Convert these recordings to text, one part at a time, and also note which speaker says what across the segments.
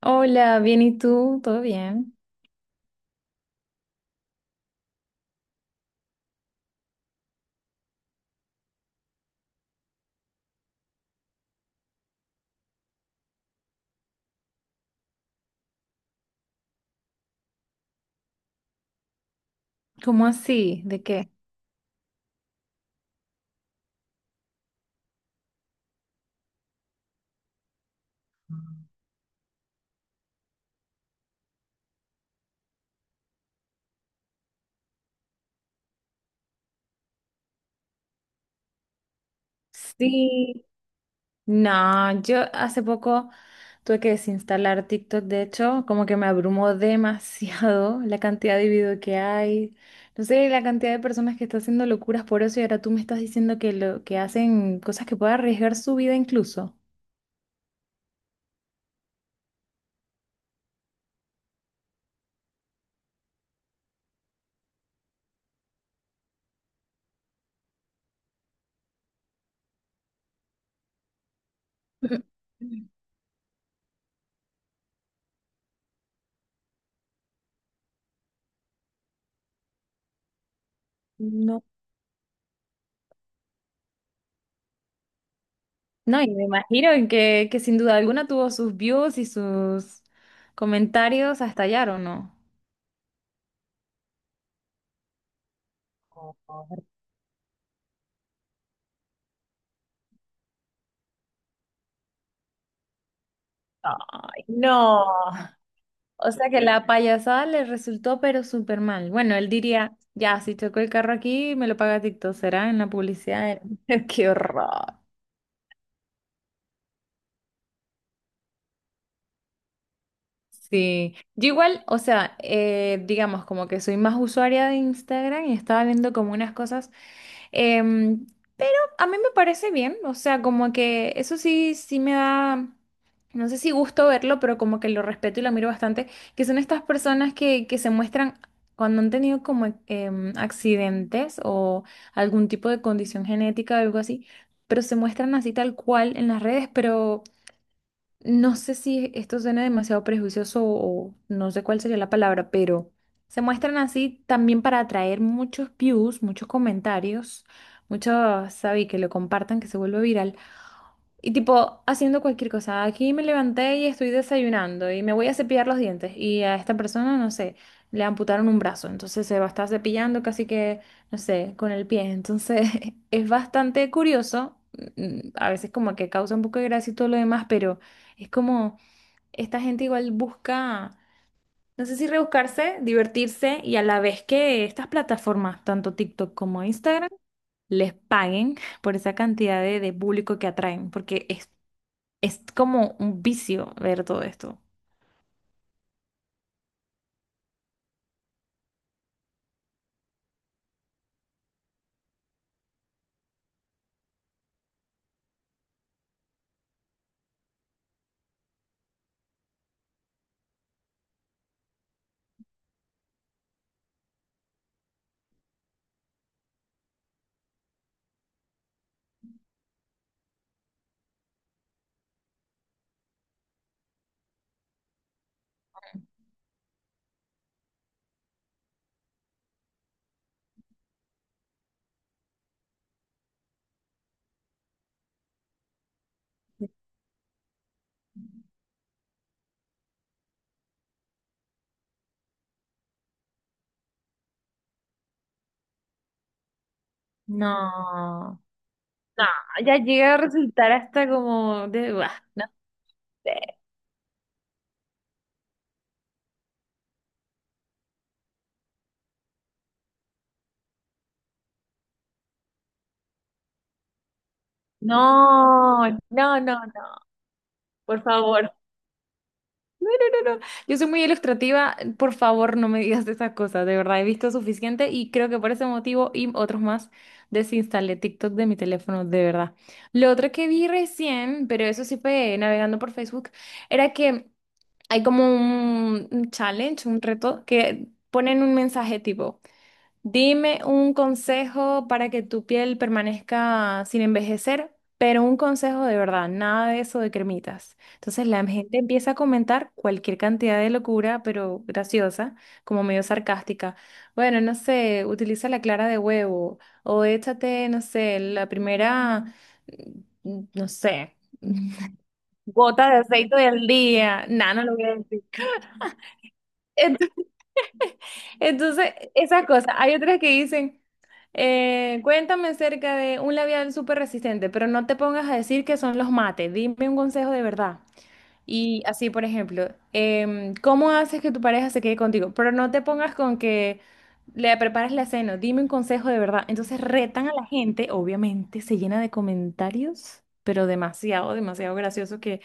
Speaker 1: Hola, bien, ¿y tú? ¿Todo bien? ¿Cómo así? ¿De qué? Sí. No, yo hace poco tuve que desinstalar TikTok, de hecho, como que me abrumó demasiado la cantidad de video que hay. No sé, la cantidad de personas que están haciendo locuras por eso y ahora tú me estás diciendo que lo que hacen cosas que pueden arriesgar su vida incluso. No. No, y me imagino que, sin duda alguna tuvo sus views y sus comentarios a estallar, ¿o no? Ay, no. O sea que la payasada le resultó pero súper mal. Bueno, él diría, ya, si choco el carro aquí, me lo paga TikTok, será en la publicidad. Qué horror. Sí, yo igual, o sea, digamos como que soy más usuaria de Instagram y estaba viendo como unas cosas. Em, pero a mí me parece bien, o sea, como que eso sí, sí me da, no sé si gusto verlo, pero como que lo respeto y lo miro bastante, que son estas personas que se muestran cuando han tenido como accidentes o algún tipo de condición genética o algo así, pero se muestran así tal cual en las redes, pero no sé si esto suena demasiado prejuicioso o no sé cuál sería la palabra, pero se muestran así también para atraer muchos views, muchos comentarios, muchos, sabí, que lo compartan, que se vuelva viral. Y tipo, haciendo cualquier cosa. Aquí me levanté y estoy desayunando y me voy a cepillar los dientes. Y a esta persona, no sé, le amputaron un brazo. Entonces se va a estar cepillando casi que, no sé, con el pie. Entonces es bastante curioso. A veces como que causa un poco de gracia y todo lo demás, pero es como esta gente igual busca, no sé si rebuscarse, divertirse y a la vez que estas plataformas, tanto TikTok como Instagram, les paguen por esa cantidad de público que atraen, porque es como un vicio ver todo esto. No, no, ya llega a resultar hasta como de, "Buah, no sé". No, no, no, no, por favor. No, no, no, no. Yo soy muy ilustrativa, por favor no me digas esas cosas, de verdad he visto suficiente y creo que por ese motivo y otros más desinstalé TikTok de mi teléfono, de verdad. Lo otro que vi recién, pero eso sí fue navegando por Facebook, era que hay como un challenge, un reto, que ponen un mensaje tipo, dime un consejo para que tu piel permanezca sin envejecer, pero un consejo de verdad, nada de eso de cremitas. Entonces la gente empieza a comentar cualquier cantidad de locura, pero graciosa, como medio sarcástica. Bueno, no sé, utiliza la clara de huevo o échate, no sé, la primera, no sé. Gota de aceite del día. Nada, no lo voy a decir. Ent- Entonces, esas cosas. Hay otras que dicen, cuéntame acerca de un labial súper resistente, pero no te pongas a decir que son los mates. Dime un consejo de verdad. Y así, por ejemplo, ¿cómo haces que tu pareja se quede contigo? Pero no te pongas con que le preparas la cena. Dime un consejo de verdad. Entonces, retan a la gente, obviamente, se llena de comentarios, pero demasiado, demasiado gracioso que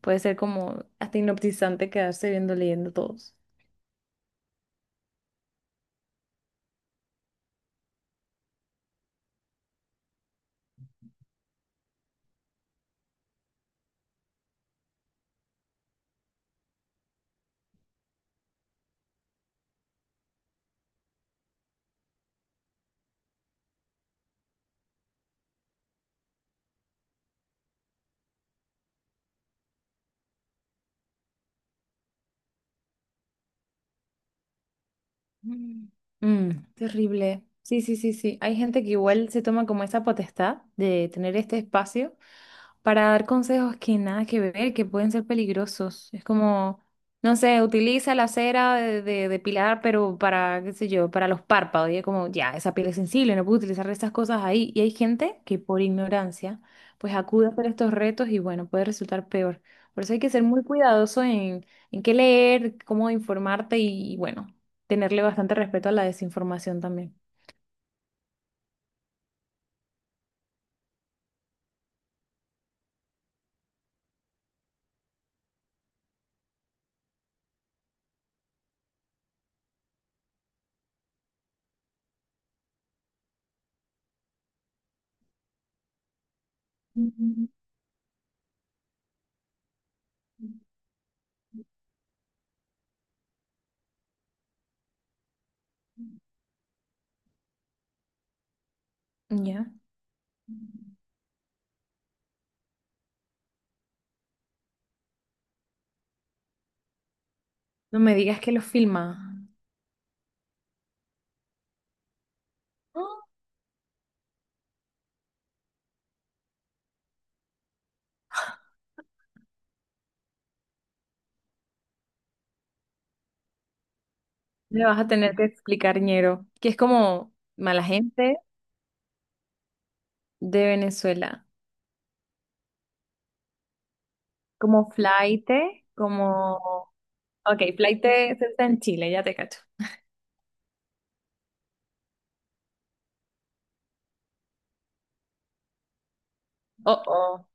Speaker 1: puede ser como hasta hipnotizante quedarse viendo, leyendo todos. Mm. Mm, terrible. Sí, sí, sí, sí. Hay gente que igual se toma como esa potestad de tener este espacio para dar consejos que nada que ver, que pueden ser peligrosos. Es como, no sé, utiliza la cera de depilar, pero para, qué sé yo, para los párpados. Y es como, ya, esa piel es sensible, no puedo utilizar estas cosas ahí. Y hay gente que por ignorancia, pues acude a hacer estos retos y bueno, puede resultar peor. Por eso hay que ser muy cuidadoso en qué leer, cómo informarte y bueno, tenerle bastante respeto a la desinformación también. Ya. No me digas que los filma. Me vas a tener que explicar, ñero, que es como mala gente de Venezuela, como flaite, como... Ok, flaite se está en Chile, ya te cacho. Oh, oh.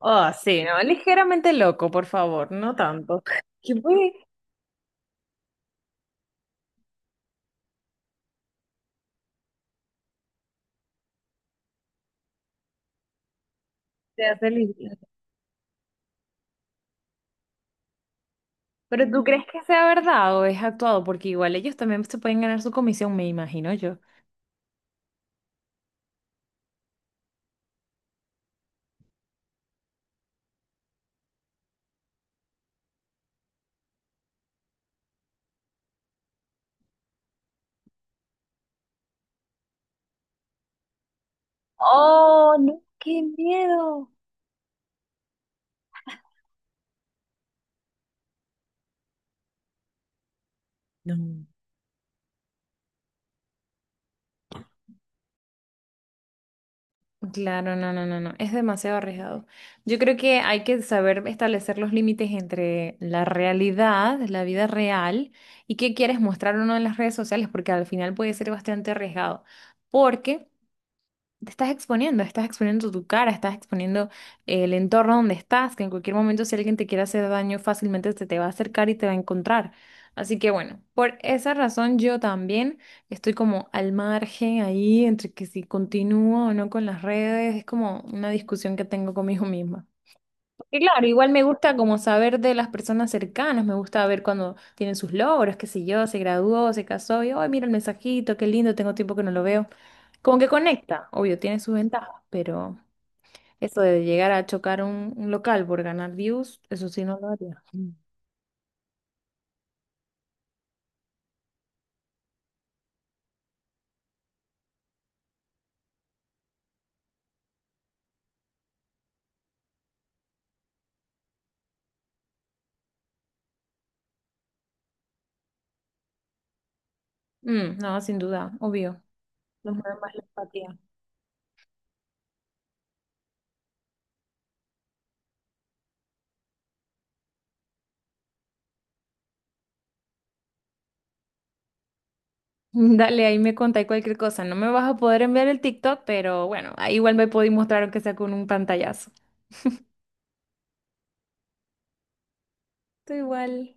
Speaker 1: Oh, sí, no, ligeramente loco, por favor, no tanto. ¿Qué puede ser hacer libre? Pero ¿tú crees que sea verdad o es actuado? Porque igual ellos también se pueden ganar su comisión, me imagino yo. Oh, no, qué miedo. No. Claro, no, no, no, no, es demasiado arriesgado. Yo creo que hay que saber establecer los límites entre la realidad, la vida real, y qué quieres mostrar o no en las redes sociales, porque al final puede ser bastante arriesgado. Porque te estás exponiendo tu cara, estás exponiendo el entorno donde estás, que en cualquier momento si alguien te quiere hacer daño, fácilmente se te va a acercar y te va a encontrar. Así que bueno, por esa razón yo también estoy como al margen ahí entre que si continúo o no con las redes, es como una discusión que tengo conmigo misma. Y claro, igual me gusta como saber de las personas cercanas, me gusta ver cuando tienen sus logros, qué sé yo, se graduó, se casó, y, ay, mira el mensajito, qué lindo, tengo tiempo que no lo veo. Como que conecta, obvio, tiene sus ventajas, pero eso de llegar a chocar un local por ganar views, eso sí no lo haría. Mm. Mm, no, sin duda, obvio. Nos mueve más la empatía. Dale, ahí me contáis cualquier cosa. No me vas a poder enviar el TikTok, pero bueno, ahí igual me podéis mostrar aunque sea con un pantallazo. Tú igual.